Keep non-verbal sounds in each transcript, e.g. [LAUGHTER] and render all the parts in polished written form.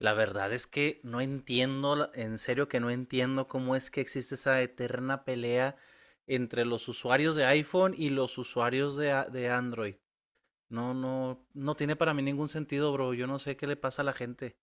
La verdad es que no entiendo, en serio que no entiendo cómo es que existe esa eterna pelea entre los usuarios de iPhone y los usuarios de Android. No, no, no tiene para mí ningún sentido, bro. Yo no sé qué le pasa a la gente.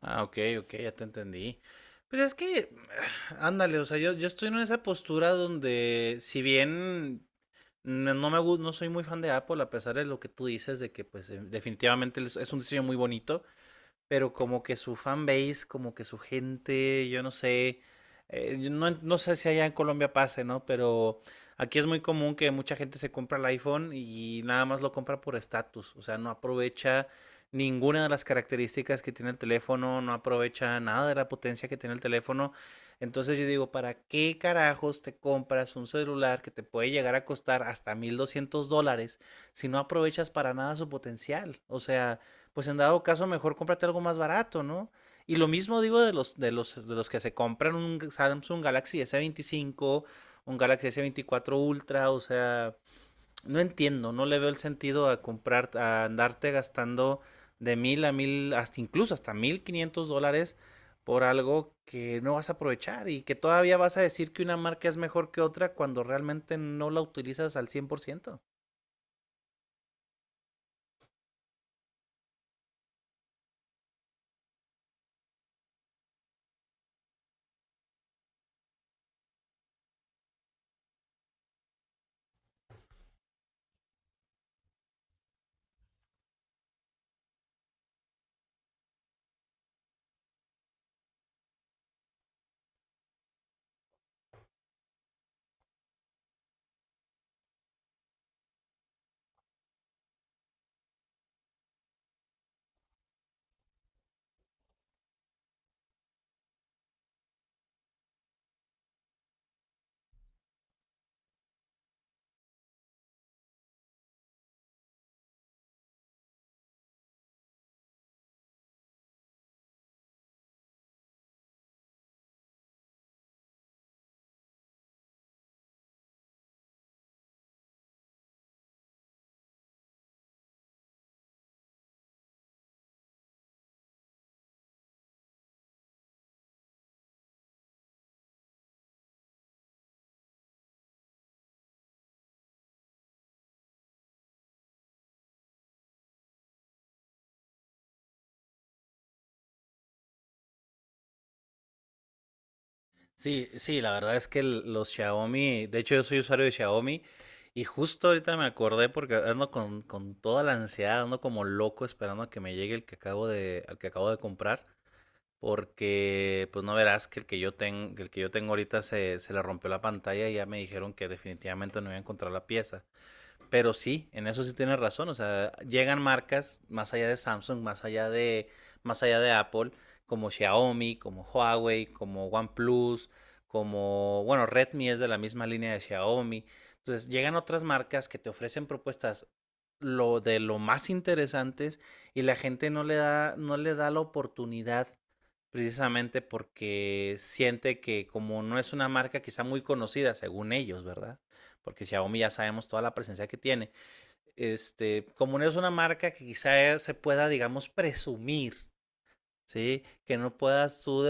Ah, ok, ok, ya te entendí. Pues es que, [SIGHS] ándale, o sea, yo estoy en esa postura donde, si bien no soy muy fan de Apple, a pesar de lo que tú dices, de que pues definitivamente es un diseño muy bonito. Pero como que su fanbase, como que su gente, yo no sé, yo no sé si allá en Colombia pase, ¿no? Pero aquí es muy común que mucha gente se compra el iPhone y nada más lo compra por estatus, o sea, no aprovecha ninguna de las características que tiene el teléfono, no aprovecha nada de la potencia que tiene el teléfono. Entonces yo digo, ¿para qué carajos te compras un celular que te puede llegar a costar hasta $1,200 si no aprovechas para nada su potencial? O sea, pues en dado caso mejor cómprate algo más barato, ¿no? Y lo mismo digo de de los que se compran un Samsung Galaxy S25, un Galaxy S24 Ultra, o sea, no entiendo, no le veo el sentido a comprar, a andarte gastando de mil a mil, hasta incluso hasta $1,500 por algo que no vas a aprovechar y que todavía vas a decir que una marca es mejor que otra cuando realmente no la utilizas al 100%. Sí, sí, la verdad es que los Xiaomi, de hecho yo soy usuario de Xiaomi y justo ahorita me acordé porque ando con toda la ansiedad, ando como loco esperando a que me llegue el que al que acabo de comprar, porque pues no verás que el que yo tengo, el que yo tengo ahorita se le rompió la pantalla y ya me dijeron que definitivamente no iba a encontrar la pieza. Pero sí, en eso sí tienes razón. O sea, llegan marcas más allá de Samsung, más allá de Apple, como Xiaomi, como Huawei, como OnePlus, como, bueno, Redmi es de la misma línea de Xiaomi. Entonces, llegan otras marcas que te ofrecen propuestas lo más interesantes y la gente no le da la oportunidad. Precisamente porque siente que como no es una marca quizá muy conocida, según ellos, ¿verdad? Porque Xiaomi ya sabemos toda la presencia que tiene. Este, como no es una marca que quizá se pueda, digamos, presumir, ¿sí? Que no puedas tú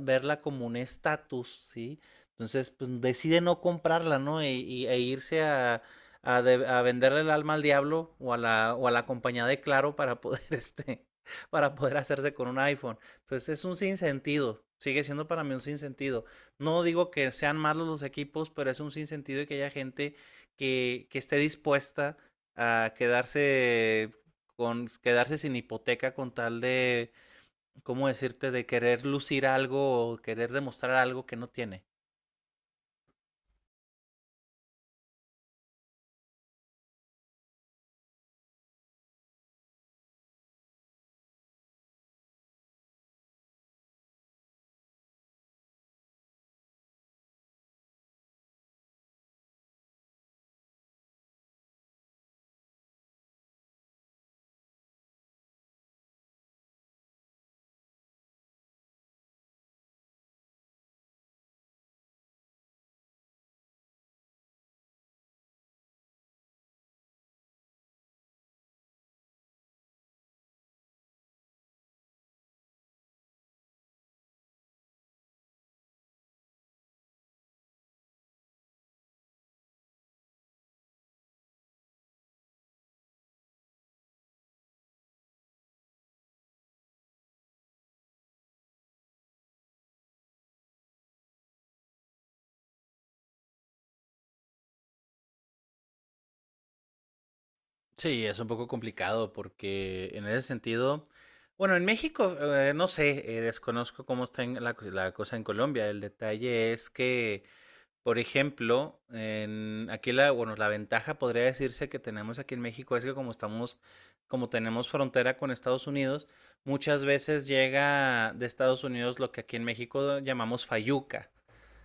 verla como un estatus, ¿sí? Entonces, pues decide no comprarla, ¿no? E irse a venderle el alma al diablo o a o a la compañía de Claro para poder, [LAUGHS] este, para poder hacerse con un iPhone. Entonces, es un sinsentido. Sigue siendo para mí un sinsentido. No digo que sean malos los equipos, pero es un sinsentido y que haya gente que esté dispuesta a quedarse con quedarse sin hipoteca con tal de, ¿cómo decirte? De querer lucir algo o querer demostrar algo que no tiene. Sí, es un poco complicado porque en ese sentido, bueno, en México, no sé, desconozco cómo está en cosa en Colombia. El detalle es que, por ejemplo, aquí bueno, la ventaja podría decirse que tenemos aquí en México es que como estamos, como tenemos frontera con Estados Unidos, muchas veces llega de Estados Unidos lo que aquí en México llamamos fayuca,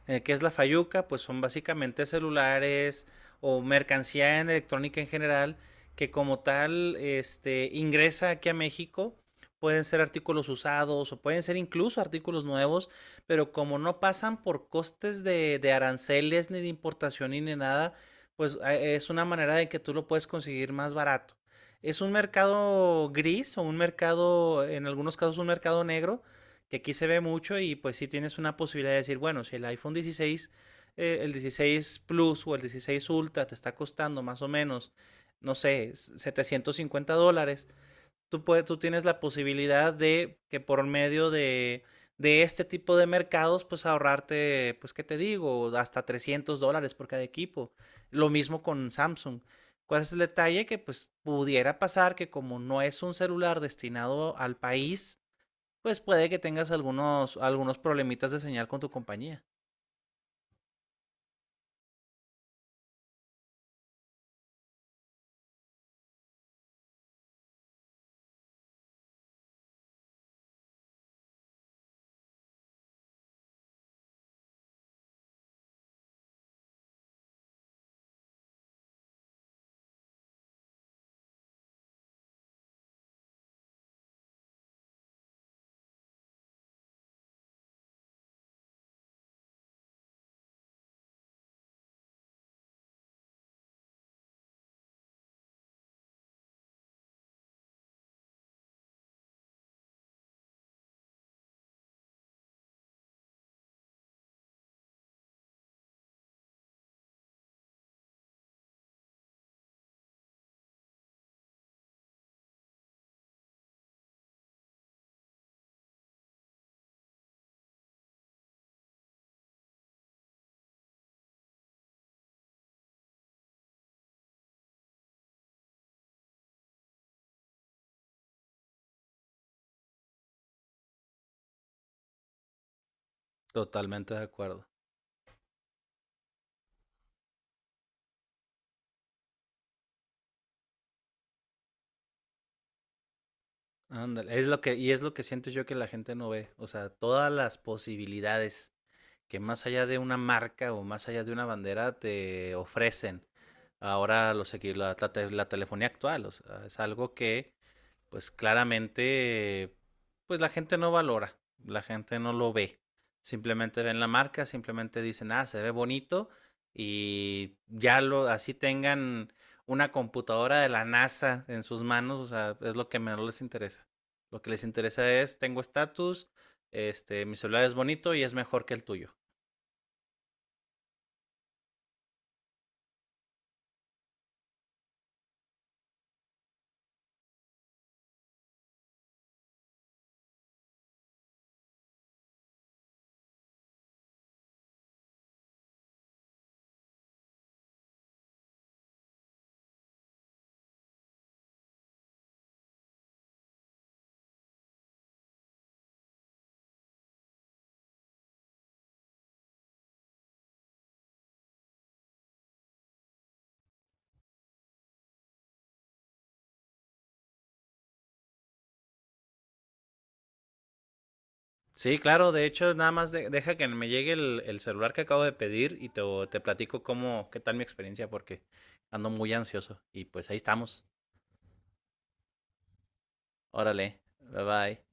que es la Fayuca, pues son básicamente celulares o mercancía en electrónica en general que como tal este, ingresa aquí a México. Pueden ser artículos usados o pueden ser incluso artículos nuevos, pero como no pasan por costes de aranceles ni de importación ni de nada, pues es una manera de que tú lo puedes conseguir más barato. Es un mercado gris o un mercado, en algunos casos un mercado negro, que aquí se ve mucho y pues sí tienes una posibilidad de decir, bueno, si el iPhone 16, el 16 Plus o el 16 Ultra te está costando más o menos, no sé, $750, tú tienes la posibilidad de que por medio de este tipo de mercados, pues ahorrarte, pues qué te digo, hasta $300 por cada equipo. Lo mismo con Samsung. ¿Cuál es el detalle? Que pues pudiera pasar que como no es un celular destinado al país, pues puede que tengas algunos problemitas de señal con tu compañía. Totalmente de acuerdo. Ándale, es lo que, y es lo que siento yo que la gente no ve. O sea, todas las posibilidades que más allá de una marca o más allá de una bandera te ofrecen ahora los equi- la, te- la telefonía actual. O sea, es algo que pues claramente, pues la gente no valora, la gente no lo ve. Simplemente ven la marca, simplemente dicen, ah, se ve bonito y ya lo, así tengan una computadora de la NASA en sus manos, o sea, es lo que menos les interesa. Lo que les interesa es, tengo estatus, este, mi celular es bonito y es mejor que el tuyo. Sí, claro, de hecho, nada más deja que me llegue el celular que acabo de pedir y te platico cómo, qué tal mi experiencia, porque ando muy ansioso. Y pues ahí estamos. Órale, bye bye.